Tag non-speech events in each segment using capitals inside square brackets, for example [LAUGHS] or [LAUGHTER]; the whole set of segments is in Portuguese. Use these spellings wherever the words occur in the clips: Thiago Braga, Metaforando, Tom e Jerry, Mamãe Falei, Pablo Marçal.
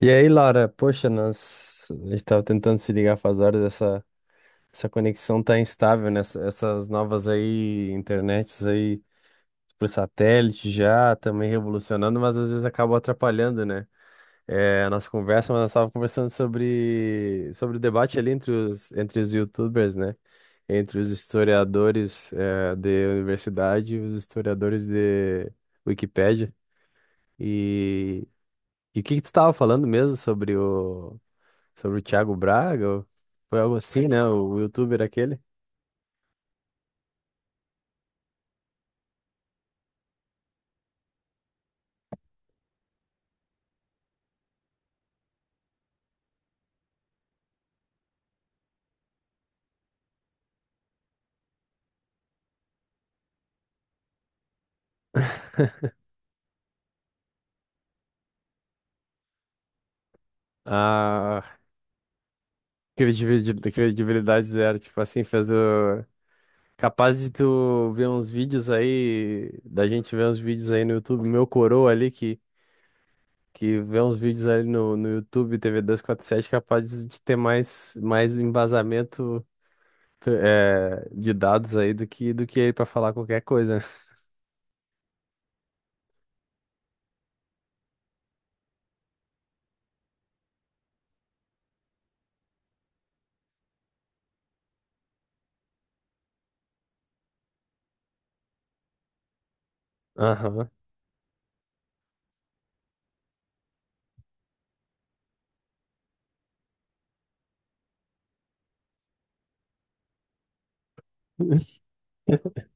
E aí, Laura, poxa, nós a gente tava tentando se ligar faz horas, essa conexão tá instável, né? Essas novas aí, internets aí por satélite já, também revolucionando, mas às vezes acabam atrapalhando, né? É, a nossa conversa, mas nós tava conversando sobre o debate ali entre os YouTubers, né? Entre os historiadores, de universidade e os historiadores de Wikipédia. E, e o que que tu tava falando mesmo sobre o Thiago Braga? Foi algo assim, né? O youtuber aquele. A credibilidade zero. Tipo assim, fez o. Capaz de tu ver uns vídeos aí, da gente ver uns vídeos aí no YouTube, meu coroa ali que vê uns vídeos ali no YouTube, TV 7 capaz de ter mais embasamento de dados aí do que ele pra falar qualquer coisa, né? Aham. [LAUGHS]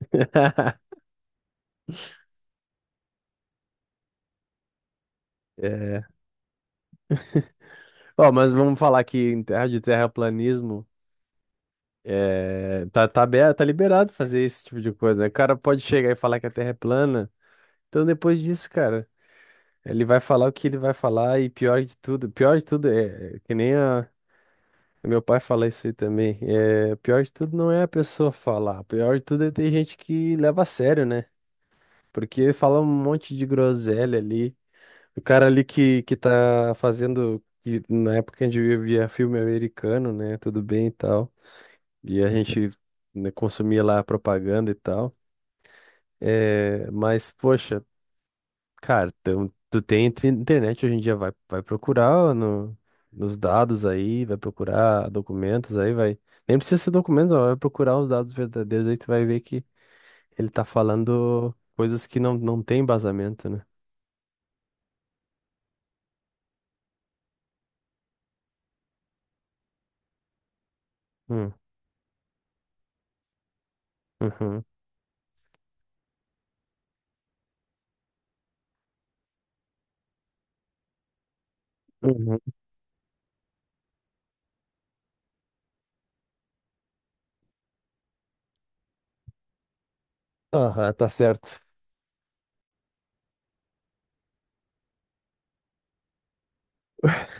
[LAUGHS] É. Ó, mas vamos falar que em terra de terraplanismo tá, aberto, tá liberado fazer esse tipo de coisa, né? O cara pode chegar e falar que a Terra é plana. Então, depois disso, cara, ele vai falar o que ele vai falar e pior de tudo é que nem meu pai fala isso aí também. É, pior de tudo não é a pessoa falar, pior de tudo é ter gente que leva a sério, né? Porque fala um monte de groselha ali. O cara ali que tá fazendo, que na época a gente via filme americano, né? Tudo bem e tal. E a gente, né, consumia lá a propaganda e tal. É, mas, poxa, cara, tu tem internet hoje em dia, vai procurar no, nos dados aí, vai procurar documentos aí, vai. Nem precisa ser documento, ó, vai procurar os dados verdadeiros aí, tu vai ver que ele tá falando coisas que não tem embasamento, né? Hum, uhum, uhum. Aham, tá certo.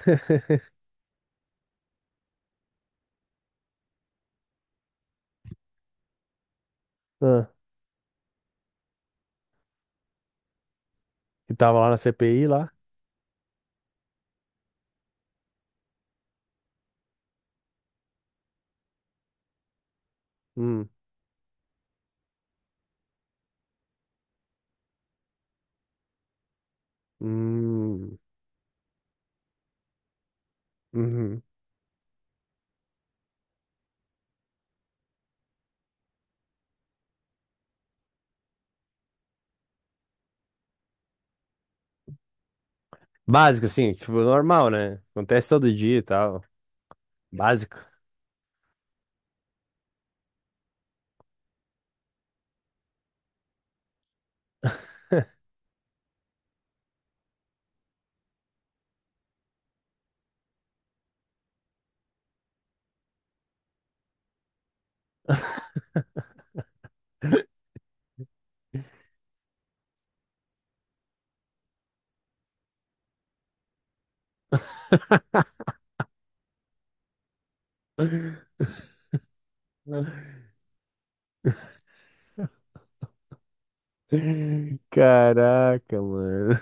[LAUGHS] Ah, e tava lá na CPI lá? Hum, hum, uhum. Básico, assim, tipo, normal, né? Acontece todo dia e tal. Básico. [LAUGHS] Caraca, mano.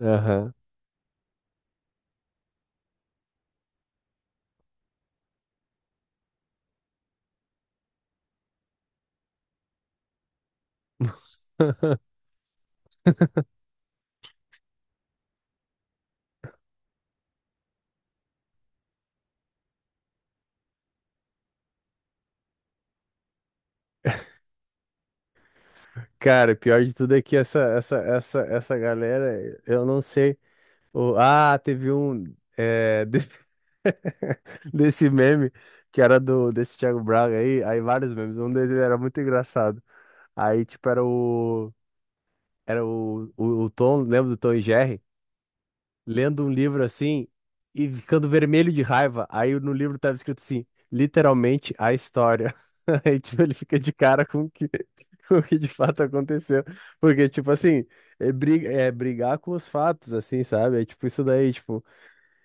Aham. Cara, pior de tudo é que essa galera, eu não sei. Ah, teve um desse, [LAUGHS] desse meme que era do desse Thiago Braga aí, vários memes. Um deles era muito engraçado. Aí, tipo, era o. Era o Tom, lembra do Tom e Jerry? Lendo um livro assim e ficando vermelho de raiva. Aí no livro tava escrito assim, literalmente a história. [LAUGHS] Aí, tipo, ele fica de cara com o que, [LAUGHS] com o que de fato aconteceu. Porque, tipo assim, é brigar com os fatos, assim, sabe? É tipo isso daí, tipo.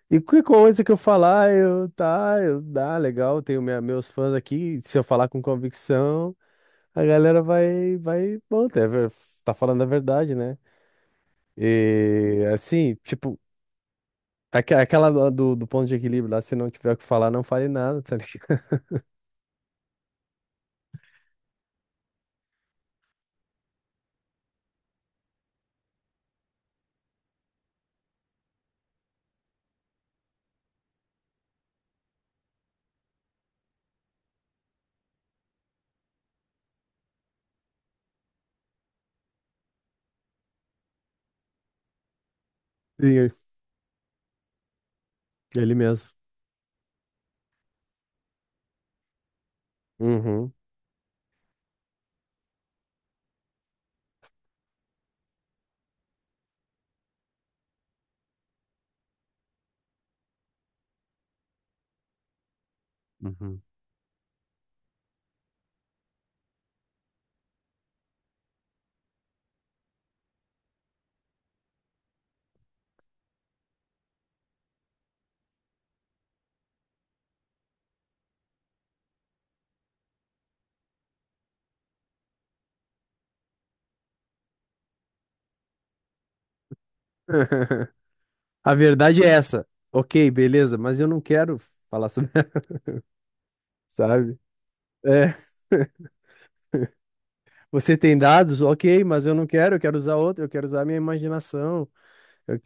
E que coisa que eu falar, eu, tá, eu, dá, legal, tenho meus fãs aqui. Se eu falar com convicção, a galera vai, bom, tá falando a verdade, né? E assim, tipo, Aquela do ponto de equilíbrio lá, se não tiver o que falar, não fale nada, tá ligado? [LAUGHS] Sim. Ele mesmo. Uhum. Uhum. [LAUGHS] A verdade é essa. Ok, beleza, mas eu não quero falar sobre, [LAUGHS] sabe? É. [LAUGHS] Você tem dados? Ok, mas eu não quero, eu quero usar a minha imaginação. Eu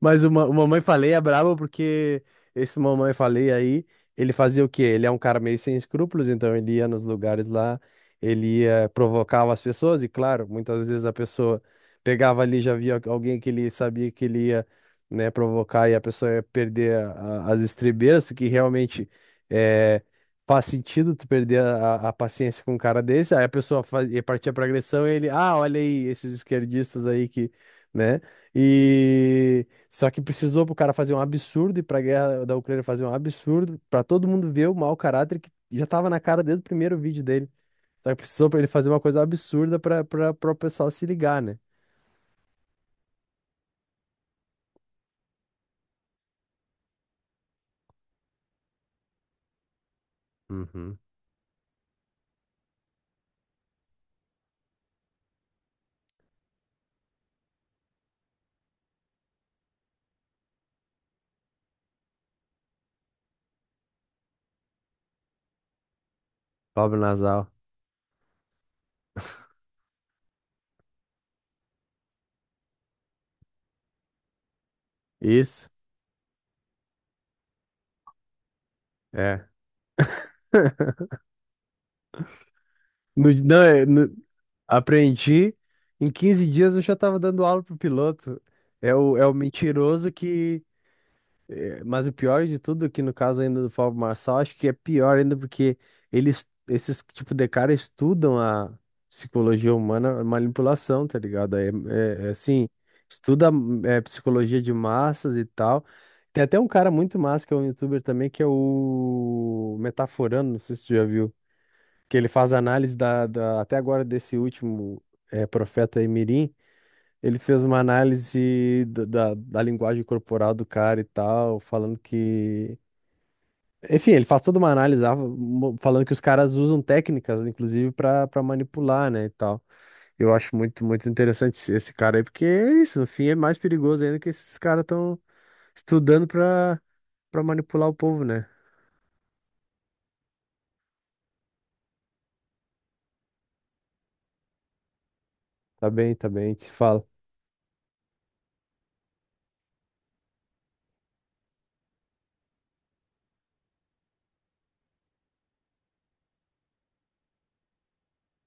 Mas o Mamãe Falei é brabo porque esse Mamãe Falei aí, ele fazia o quê? Ele é um cara meio sem escrúpulos, então ele ia nos lugares lá, ele ia, provocava as pessoas, e claro, muitas vezes a pessoa pegava ali, já via alguém que ele sabia que ele ia, né, provocar e a pessoa ia perder as estribeiras, porque realmente é, faz sentido tu perder a paciência com um cara desse, aí a pessoa fazia, partir pra agressão e ele, ah, olha aí esses esquerdistas aí que, né? E só que precisou pro cara fazer um absurdo e pra guerra da Ucrânia fazer um absurdo, pra todo mundo ver o mau caráter que já tava na cara desde o primeiro vídeo dele. Só que precisou pra ele fazer uma coisa absurda pra, pra, o pessoal se ligar, né? Uhum. Pobre nasal. Isso. É. [LAUGHS] Não, aprendi. Em 15 dias eu já tava dando aula pro piloto. É o mentiroso que. Mas o pior de tudo é que no caso ainda do Pablo Marçal, acho que é pior ainda porque esses tipo de cara estudam a psicologia humana, a manipulação, tá ligado? É assim, estuda, psicologia de massas e tal. Tem até um cara muito massa que é um youtuber também, que é o Metaforando, não sei se tu já viu, que ele faz análise até agora desse último profeta aí, Mirim. Ele fez uma análise da linguagem corporal do cara e tal, falando que. Enfim, ele faz toda uma análise lá, falando que os caras usam técnicas, inclusive, pra para manipular, né, e tal. Eu acho muito, muito interessante esse cara aí, porque é isso, no fim é mais perigoso ainda que esses caras estão estudando pra para manipular o povo, né? Tá bem, a gente se fala.